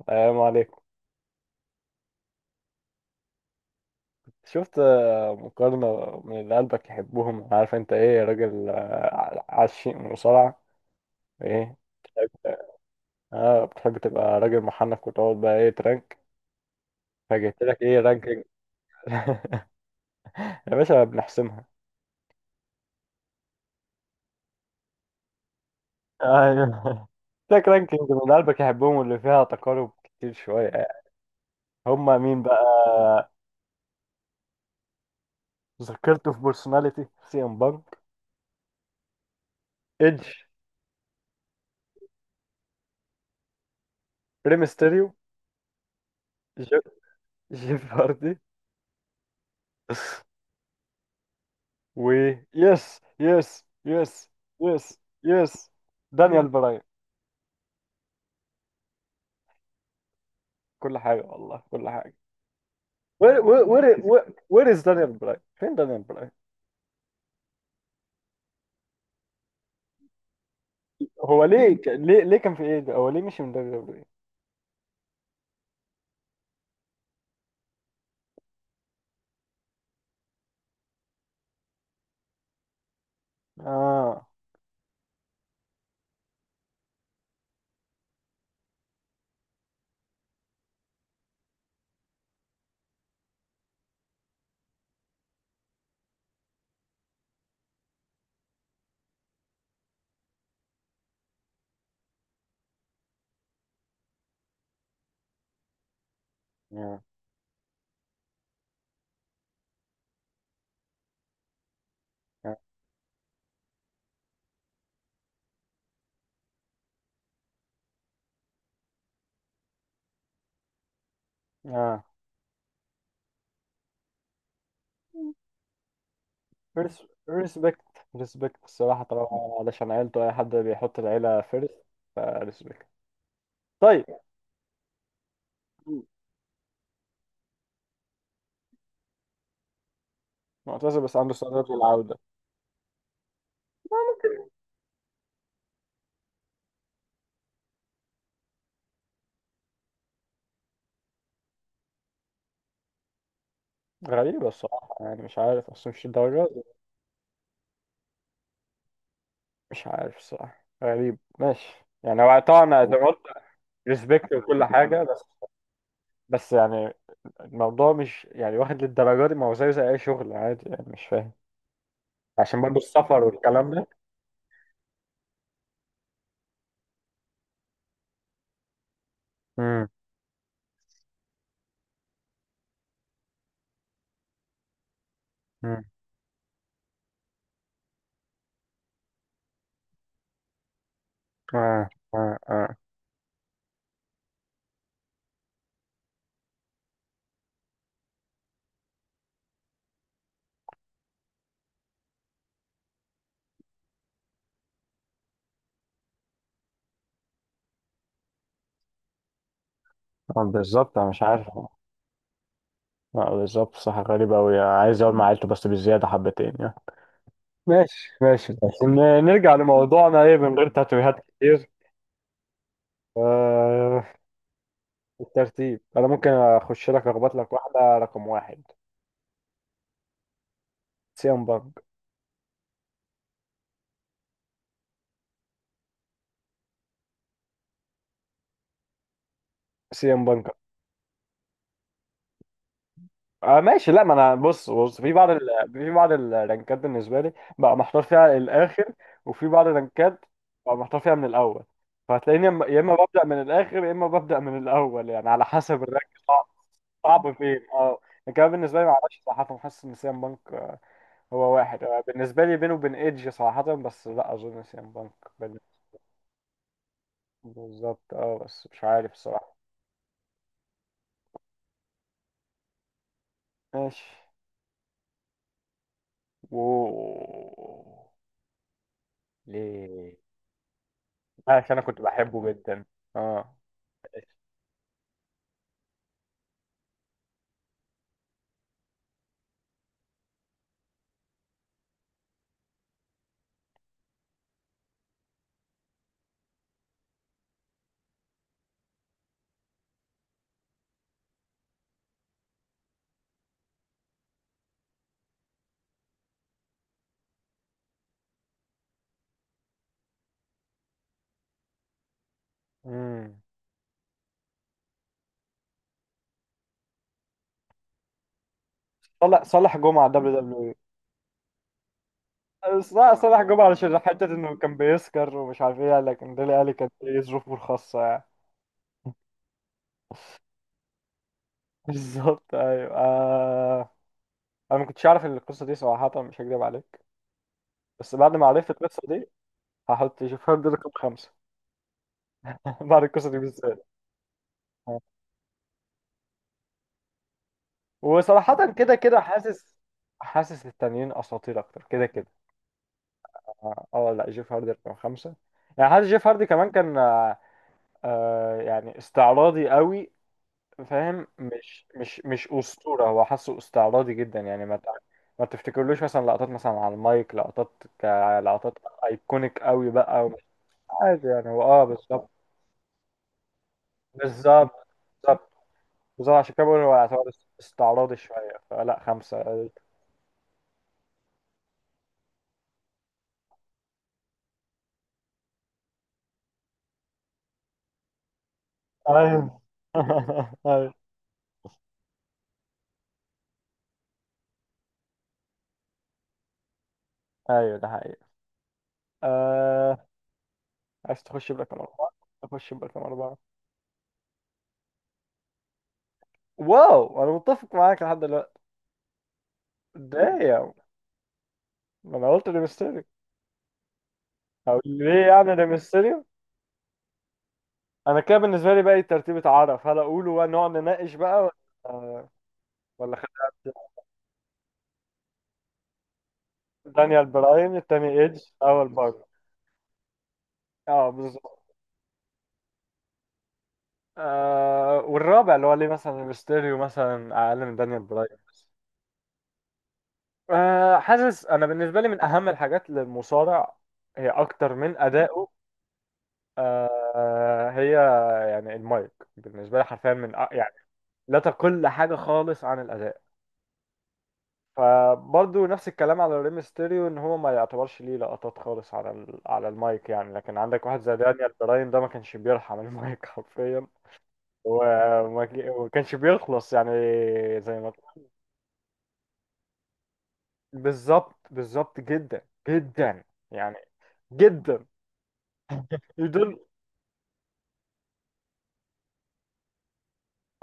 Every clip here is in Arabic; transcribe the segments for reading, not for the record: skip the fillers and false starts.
السلام عليكم. شفت مقارنة من اللي قلبك يحبهم، عارف انت ايه؟ راجل عشيق مصارعة. ايه؟ اه، بتحب تبقى راجل محنك وتقعد بقى ايه ترانك، فجبت لك ايه رانكينج. يا باشا بنحسمها. ايوه، لك رانكينج من قلبك يحبهم واللي فيها تقارب كتير شوية يعني. هما مين بقى؟ ذكرته في بيرسوناليتي، سي ام بانك، ايدج، ريمستيريو، جيف هاردي، و يس يس يس، يس يس، دانيال براين. كل حاجة والله، كل حاجة. وير وير وير وير از دانيال براين؟ فين دانيال براين؟ هو ليه ليه كان في ايه ده؟ هو ليه مشي من دانيال براين؟ اه اه اه. آه. ريسبكت، ريسبكت الصراحة طبعا، علشان عيلته. أي حد بيحط العيلة فيرست، فريسبكت. طيب. معتذر بس عنده استعداد للعودة. غريبة الصراحة، يعني مش عارف أصلا مش الدرجة. مش عارف، صح غريب ماشي. يعني هو طبعا زي هو ما قلت، ريسبكت وكل حاجة بس. بس يعني الموضوع مش يعني واخد للدرجة دي، ما هو زيه زي أي شغل عادي يعني، مش فاهم، عشان برضه السفر والكلام ده. امم امم آه آه آه بالظبط أنا مش عارف. آه بالظبط، صح غريب أوي، عايز أقعد مع عيلته بس بالزيادة حبتين يعني. ماشي ماشي، بس نرجع لموضوعنا، إيه من غير تاتويهات كتير. آه، الترتيب. أنا ممكن أخش لك أخبط لك واحدة رقم واحد. سيام بانك. سيام بانك. آه ماشي. لا ما انا بص بص في بعض في بعض الرانكات بالنسبه لي بقى محتار فيها الاخر، وفي بعض الرانكات بقى محتار فيها من الاول. فهتلاقيني يا اما يا إما ببدا من الاخر، يا اما ببدا من الاول يعني، على حسب الرانك. صعب. صعب فين اه. لكن أنا بالنسبه لي معرفش صراحه، حاسس ان سيام بانك هو واحد بالنسبه لي بينه وبين ايدج صراحه، بس لا اظن سيام بانك بال- بالظبط اه، بس مش عارف الصراحه. ماشي. و ليه؟ عشان انا كنت بحبه جدا. اه، امم. صالح جمعة دبليو دبليو اي. صالح جمعة، علشان حتة انه كان بيسكر ومش عارف ايه، لكن ديلي الي كانت ليه ظروفه الخاصة يعني. بالظبط ايوه، آه. انا ما كنتش اعرف القصة دي صراحة، مش هكدب عليك. بس بعد ما عرفت القصة دي هحط شوف هارد رقم خمسة. بعد القصة دي بالذات. آه. وصراحة كده كده حاسس، حاسس التانيين اساطير اكتر كده كده. اه، لا، جيف هاردي رقم خمسة. يعني حاسس جيف هاردي كمان كان آه يعني استعراضي قوي، فاهم؟ مش اسطوره هو، حاسه استعراضي جدا يعني، ما تفتكرلوش مثلا لقطات مثلا على المايك، لقطات كلقطات ايكونيك قوي بقى، ومش عادي يعني، هو اه بالظبط. بالظبط بالظبط بالظبط عشان كده بقول هو يعتبر استعراضي شويه، فلا خمسه ايوه. ايوه، ايوه ده حقيقي. آه. عايز تخش برقم أربعة؟ أخش برقم أربعة. واو، أنا متفق معاك لحد دلوقتي. دايم. ما أنا قلت لميستيريو. أو ليه يعني ده ميستيريو؟ انا كده بالنسبه لي بقى ترتيبة، عرف هل اقوله بقى نقعد نناقش بقى ولا آه، ولا خليها. دانيال براين التاني، ايدج اول بارك. اه بالظبط. آه، والرابع اللي هو ليه مثلا ميستيريو مثلا اقل من دانيال براين؟ آه، حاسس انا بالنسبه لي من اهم الحاجات للمصارع هي اكتر من ادائه. آه هي يعني المايك. بالنسبه لي حرفيا من يعني لا تقل حاجه خالص عن الاداء. فبرضه نفس الكلام على ريم ستيريو، ان هو ما يعتبرش ليه لقطات خالص على على المايك يعني، لكن عندك واحد زي دانيال براين ده ما كانش بيرحم المايك حرفيا، وما كانش بيخلص يعني. زي ما بالظبط، بالظبط جدا جدا يعني. جدا يدل.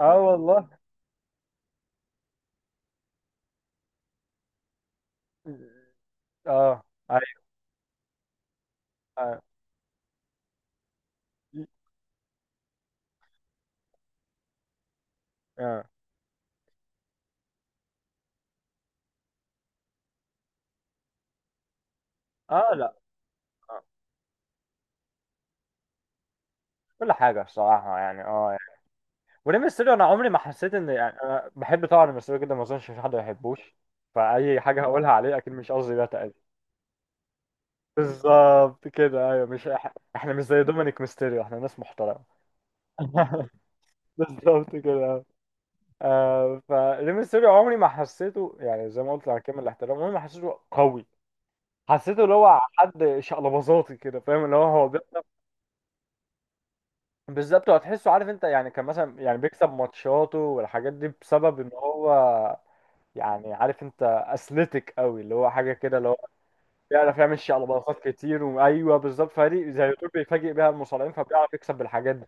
اه والله. اه ايوه اه، آه. آه. لا. آه. كل حاجة الصراحة، يعني اه، وريم ميستيريو انا عمري ما حسيت ان يعني، انا بحب طبعا ريم ميستيريو جدا، ما اظنش في حد ما يحبوش. فاي حاجه هقولها عليه اكيد مش قصدي ده تقريبا. بالظبط كده ايوه، مش احنا مش زي دومينيك ميستيريو، احنا ناس محترمه. بالظبط كده. آه، فريم ميستيريو عمري ما حسيته، يعني زي ما قلت على كامل الاحترام، عمري ما حسيته قوي. حسيته اللي هو حد شقلباظاتي كده فاهم، اللي هو هو بيكسب. بالظبط، هتحسه عارف انت، يعني كان مثلا يعني بيكسب ماتشاته والحاجات دي بسبب ان هو يعني عارف انت اثليتيك قوي، اللي هو حاجه كده اللي هو بيعرف يعمل شيء على باصات كتير، وايوه بالظبط، فريق زي يوتيوب بيفاجئ بيها المصارعين، فبيعرف يكسب بالحاجات دي.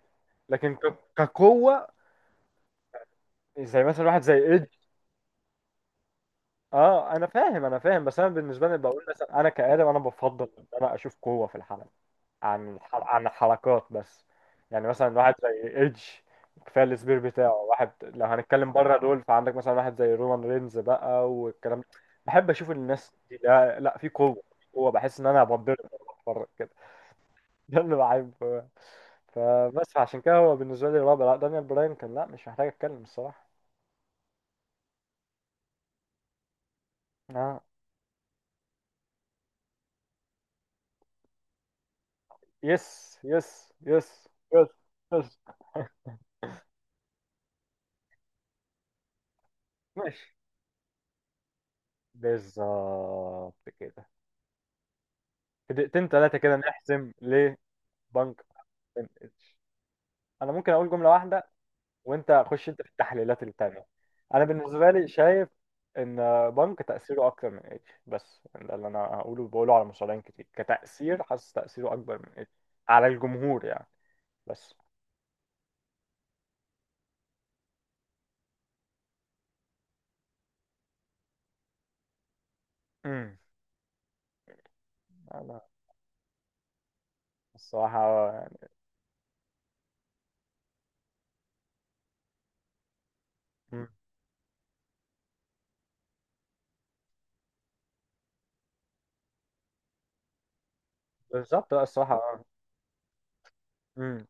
لكن كقوه، زي مثلا واحد زي ايدج. اه انا فاهم، بس انا بالنسبه لي بقول مثلا انا كادم، انا بفضل ان انا اشوف قوه في الحلبه عن عن الحركات بس. يعني مثلا واحد زي ايدج كفايه السبير بتاعه، واحد لو هنتكلم بره دول فعندك مثلا واحد زي رومان رينز بقى والكلام ده. بحب اشوف الناس دي، لا لا، في قوه، في قوه، بحس ان انا بتضرب وأنا بتفرج كده. ده اللي بحبه يعني. فبس عشان كده هو بالنسبه لي رابع. لا، دانيال براين كان، لا مش محتاج اتكلم الصراحه. اه، يس يس يس، يس يس. ماشي بالظبط كده. في دقيقتين ثلاثه كده نحسم ليه. بنك ام اتش. انا ممكن اقول جمله واحده، وانت خش انت في التحليلات التانية. انا بالنسبه لي شايف ان بنك تاثيره اكتر من اتش، بس ده اللي انا هقوله، بقوله على مصارعين كتير، كتاثير حاسس تاثيره اكبر من اتش على الجمهور يعني. بس. امم، انا الصراحه يعني. مم. بالظبط، لا، الصراحه اه. امم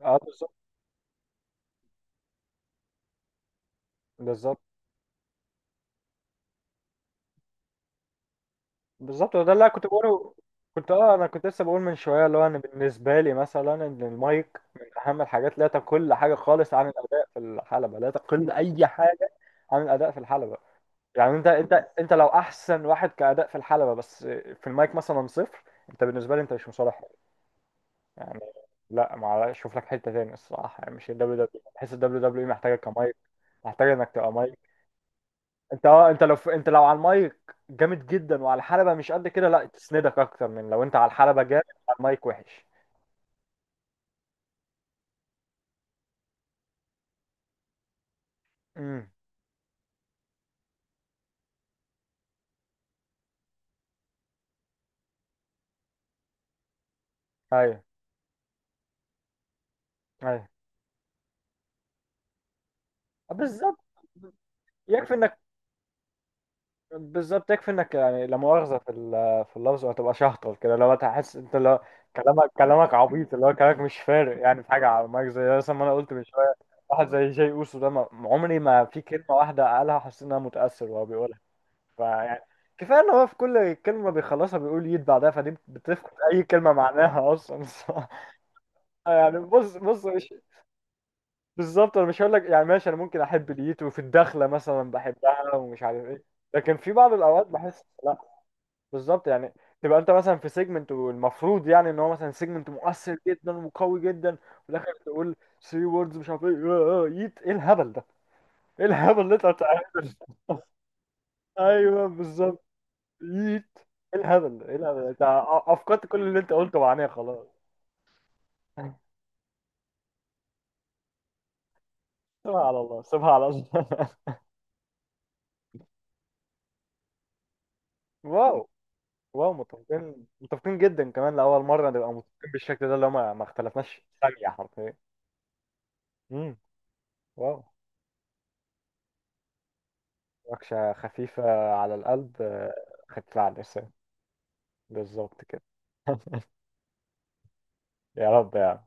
اه بالظبط. بالظبط بالظبط ده اللي أنا كنت بقوله. كنت اه، انا كنت لسه بقول من شويه اللي هو انا بالنسبه لي مثلا، ان المايك من اهم الحاجات، لا تقل حاجه خالص عن الاداء في الحلبه، لا تقل اي حاجه عن الاداء في الحلبه. يعني انت انت لو احسن واحد كاداء في الحلبه، بس في المايك مثلا صفر، انت بالنسبه لي انت مش مصالح حلو. يعني لا، ما شوف لك حته تاني الصراحه، يعني مش الدبليو دبليو، بحس الدبليو دبليو محتاجه كمايك، محتاجه انك تبقى مايك. انت اه، انت لو انت لو على المايك جامد جدا وعلى الحلبة مش قد كده، لا تسندك اكتر من لو انت على الحلبة جامد على المايك وحش. امم. ايوه. ايوه آه، بالظبط يكفي انك. بالظبط يكفي انك يعني، لا مؤاخذة في في اللفظ، وهتبقى شهطل كده لو تحس انت، لو كلامك عبيط، اللي هو كلامك مش فارق يعني في حاجة على المايك، زي مثلا ما انا قلت من شوية. واحد زي جاي اوسو ده ما... عمري ما في كلمة واحدة قالها حسيت ان انا متأثر وهو بيقولها. فيعني كفايه ان هو في كل كلمه بيخلصها بيقول يد بعدها، فدي بتفقد اي كلمه معناها اصلا الصراحة. يعني بص بص مش. بالظبط، انا مش هقول لك يعني ماشي، انا ممكن احب اليد وفي الدخله مثلا بحبها ومش عارف ايه، لكن في بعض الاوقات بحس لا. بالظبط يعني، تبقى انت مثلا في سيجمنت، والمفروض يعني ان هو مثلا سيجمنت مؤثر جدا وقوي جدا، وفي الاخر تقول ثري ووردز مش عارف ايه يد. ايه الهبل ده؟ ايه الهبل اللي انت بتعمله؟ ايوه بالظبط. ايه الهبل، ايه الهبل انت افقدت كل اللي انت قلته معناه، خلاص. سيبها على الله، سيبها على الله. واو. واو، متفقين، متفقين جدا كمان، لأول مرة نبقى متفقين بالشكل ده، اللي هما ما اختلفناش ثانية حرفيا. امم. واو. نقشة خفيفة على القلب خفيفة على اللسان. بالظبط كده. يا رب يا عم.